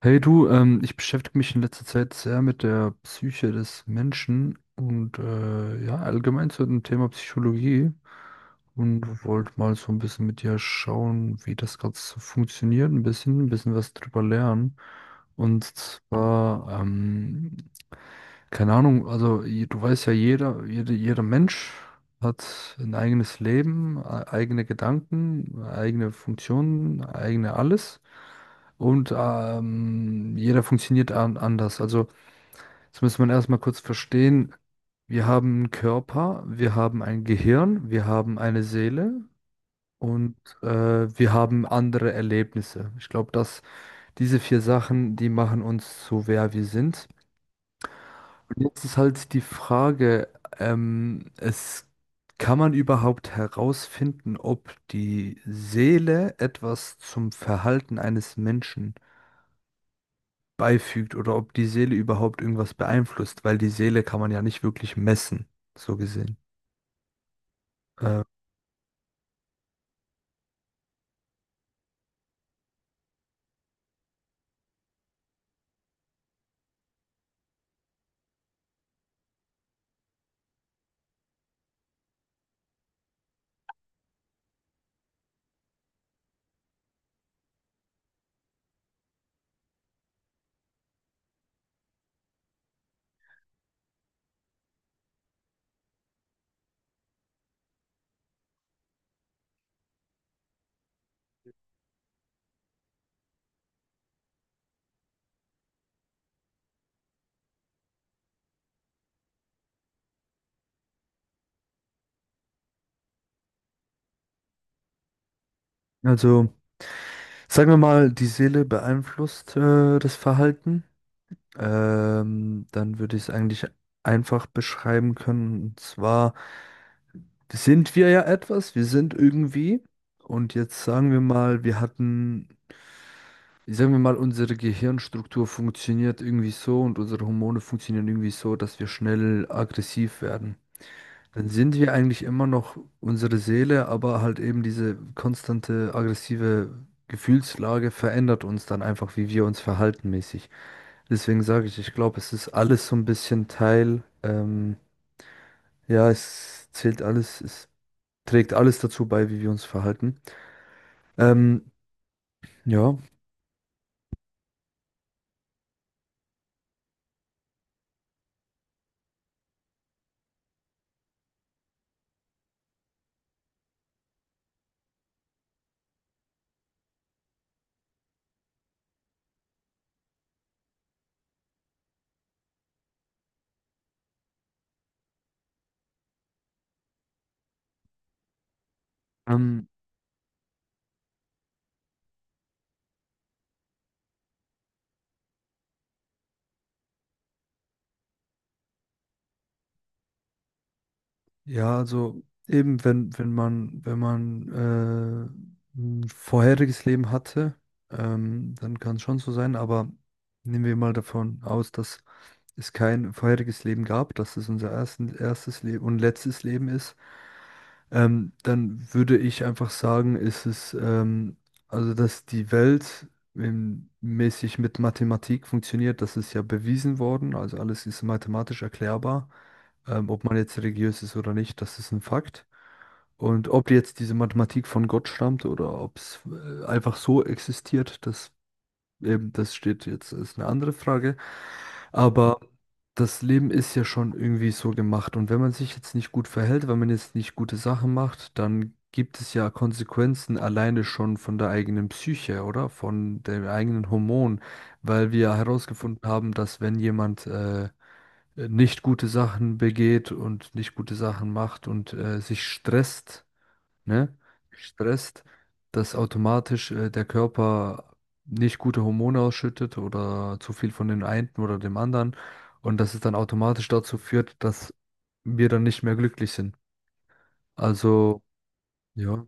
Hey du, ich beschäftige mich in letzter Zeit sehr mit der Psyche des Menschen und ja, allgemein zu dem Thema Psychologie und wollte mal so ein bisschen mit dir schauen, wie das gerade so funktioniert, ein bisschen was drüber lernen. Und zwar, keine Ahnung, also du weißt ja, jeder Mensch hat ein eigenes Leben, eigene Gedanken, eigene Funktionen, eigene alles. Und jeder funktioniert an anders. Also, das muss man erstmal kurz verstehen. Wir haben einen Körper, wir haben ein Gehirn, wir haben eine Seele und wir haben andere Erlebnisse. Ich glaube, dass diese vier Sachen, die machen uns so, wer wir sind. Und jetzt ist halt die Frage, es kann man überhaupt herausfinden, ob die Seele etwas zum Verhalten eines Menschen beifügt oder ob die Seele überhaupt irgendwas beeinflusst, weil die Seele kann man ja nicht wirklich messen, so gesehen. Äh, also sagen wir mal, die Seele beeinflusst das Verhalten, dann würde ich es eigentlich einfach beschreiben können. Und zwar sind wir ja etwas, wir sind irgendwie. Und jetzt sagen wir mal, wir hatten, sagen wir mal, unsere Gehirnstruktur funktioniert irgendwie so und unsere Hormone funktionieren irgendwie so, dass wir schnell aggressiv werden. Dann sind wir eigentlich immer noch unsere Seele, aber halt eben diese konstante aggressive Gefühlslage verändert uns dann einfach, wie wir uns verhalten mäßig. Deswegen sage ich, ich glaube, es ist alles so ein bisschen Teil, ja, es zählt alles, es trägt alles dazu bei, wie wir uns verhalten. Ähm, ja. Ähm, Ja, also eben, wenn man ein vorheriges Leben hatte, dann kann es schon so sein, aber nehmen wir mal davon aus, dass es kein vorheriges Leben gab, dass es unser erstes Leben und letztes Leben ist, dann würde ich einfach sagen, ist es, also dass die Welt mäßig mit Mathematik funktioniert, das ist ja bewiesen worden, also alles ist mathematisch erklärbar ob man jetzt religiös ist oder nicht, das ist ein Fakt. Und ob jetzt diese Mathematik von Gott stammt oder ob es einfach so existiert, das eben, das steht jetzt, ist eine andere Frage. Aber das Leben ist ja schon irgendwie so gemacht. Und wenn man sich jetzt nicht gut verhält, wenn man jetzt nicht gute Sachen macht, dann gibt es ja Konsequenzen alleine schon von der eigenen Psyche, oder? Von den eigenen Hormonen, weil wir herausgefunden haben, dass wenn jemand nicht gute Sachen begeht und nicht gute Sachen macht und sich stresst, ne? Stresst, dass automatisch der Körper nicht gute Hormone ausschüttet oder zu viel von den einen oder dem anderen und dass es dann automatisch dazu führt, dass wir dann nicht mehr glücklich sind. Also, ja,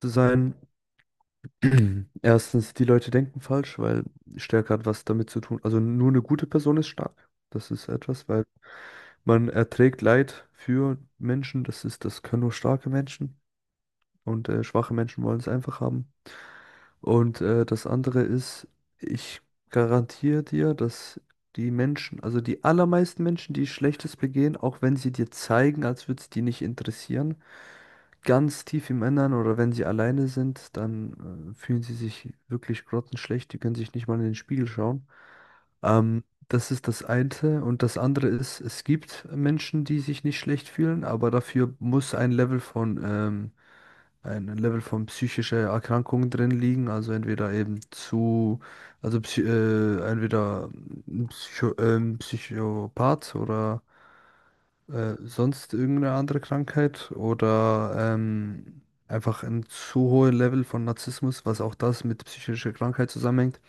zu sein. Erstens, die Leute denken falsch, weil Stärke hat was damit zu tun. Also nur eine gute Person ist stark. Das ist etwas, weil man erträgt Leid für Menschen. Das ist, das können nur starke Menschen. Und schwache Menschen wollen es einfach haben. Und das andere ist, ich garantiere dir, dass die Menschen, also die allermeisten Menschen, die Schlechtes begehen, auch wenn sie dir zeigen, als würde es die nicht interessieren, ganz tief im Innern oder wenn sie alleine sind, dann fühlen sie sich wirklich grottenschlecht, die können sich nicht mal in den Spiegel schauen. Das ist das eine. Und das andere ist, es gibt Menschen, die sich nicht schlecht fühlen, aber dafür muss ein Level von psychischer Erkrankung drin liegen. Also entweder eben zu, also entweder ein Psycho, Psychopath oder sonst irgendeine andere Krankheit oder einfach ein zu hohes Level von Narzissmus, was auch das mit psychischer Krankheit zusammenhängt.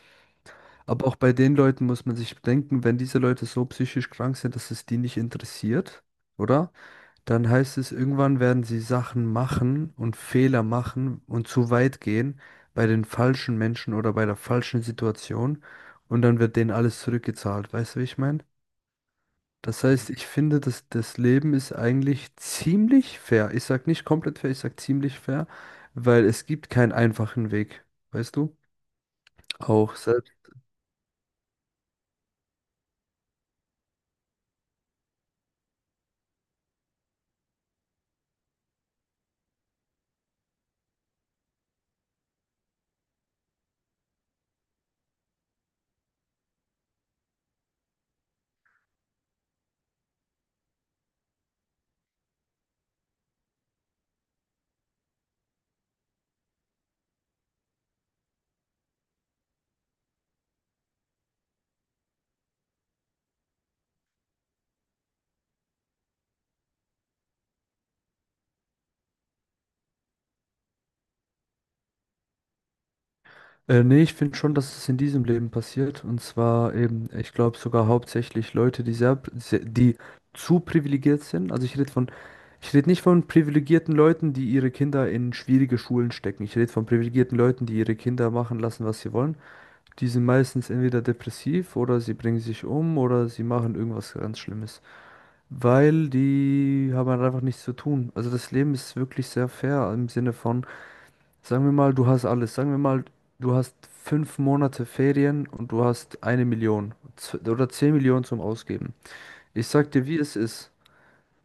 Aber auch bei den Leuten muss man sich bedenken, wenn diese Leute so psychisch krank sind, dass es die nicht interessiert, oder? Dann heißt es, irgendwann werden sie Sachen machen und Fehler machen und zu weit gehen bei den falschen Menschen oder bei der falschen Situation und dann wird denen alles zurückgezahlt. Weißt du, wie ich meine? Das heißt, ich finde, dass das Leben ist eigentlich ziemlich fair. Ich sag nicht komplett fair, ich sag ziemlich fair, weil es gibt keinen einfachen Weg, weißt du? Auch selbst. Nee, ich finde schon, dass es in diesem Leben passiert. Und zwar eben, ich glaube sogar hauptsächlich Leute, die sehr, sehr, die zu privilegiert sind. Also ich rede von, ich rede nicht von privilegierten Leuten, die ihre Kinder in schwierige Schulen stecken. Ich rede von privilegierten Leuten, die ihre Kinder machen lassen, was sie wollen. Die sind meistens entweder depressiv oder sie bringen sich um oder sie machen irgendwas ganz Schlimmes, weil die haben halt einfach nichts zu tun. Also das Leben ist wirklich sehr fair im Sinne von, sagen wir mal, du hast alles. Sagen wir mal, du hast 5 Monate Ferien und du hast 1 Million oder 10 Millionen zum Ausgeben. Ich sag dir, wie es ist.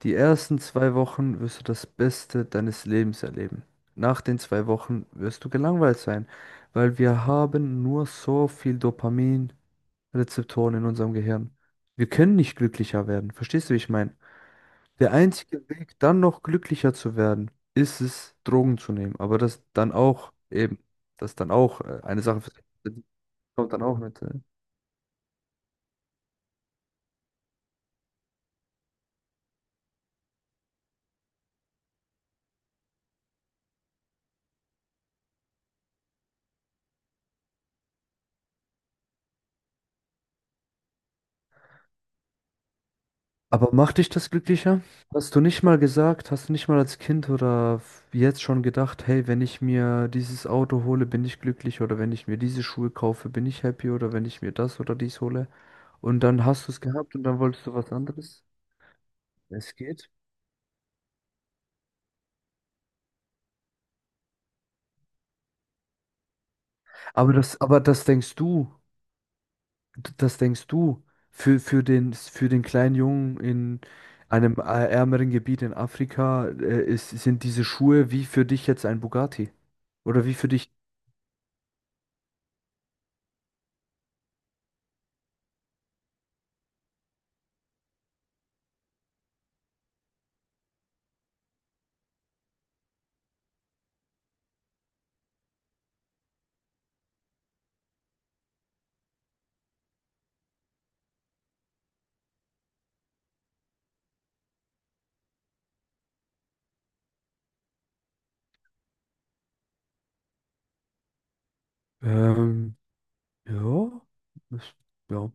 Die ersten 2 Wochen wirst du das Beste deines Lebens erleben. Nach den 2 Wochen wirst du gelangweilt sein, weil wir haben nur so viel Dopamin. Rezeptoren in unserem Gehirn. Wir können nicht glücklicher werden. Verstehst du, wie ich meine? Der einzige Weg, dann noch glücklicher zu werden, ist es, Drogen zu nehmen. Aber das dann auch eben, das dann auch eine Sache für die kommt dann auch mit. Aber macht dich das glücklicher? Hast du nicht mal gesagt, hast du nicht mal als Kind oder jetzt schon gedacht, hey, wenn ich mir dieses Auto hole, bin ich glücklich oder wenn ich mir diese Schuhe kaufe, bin ich happy oder wenn ich mir das oder dies hole? Und dann hast du es gehabt und dann wolltest du was anderes? Es geht. Aber das denkst du, das denkst du für den kleinen Jungen in einem ärmeren Gebiet in Afrika, sind diese Schuhe wie für dich jetzt ein Bugatti? Oder wie für dich? Ähm, ja, das, ja.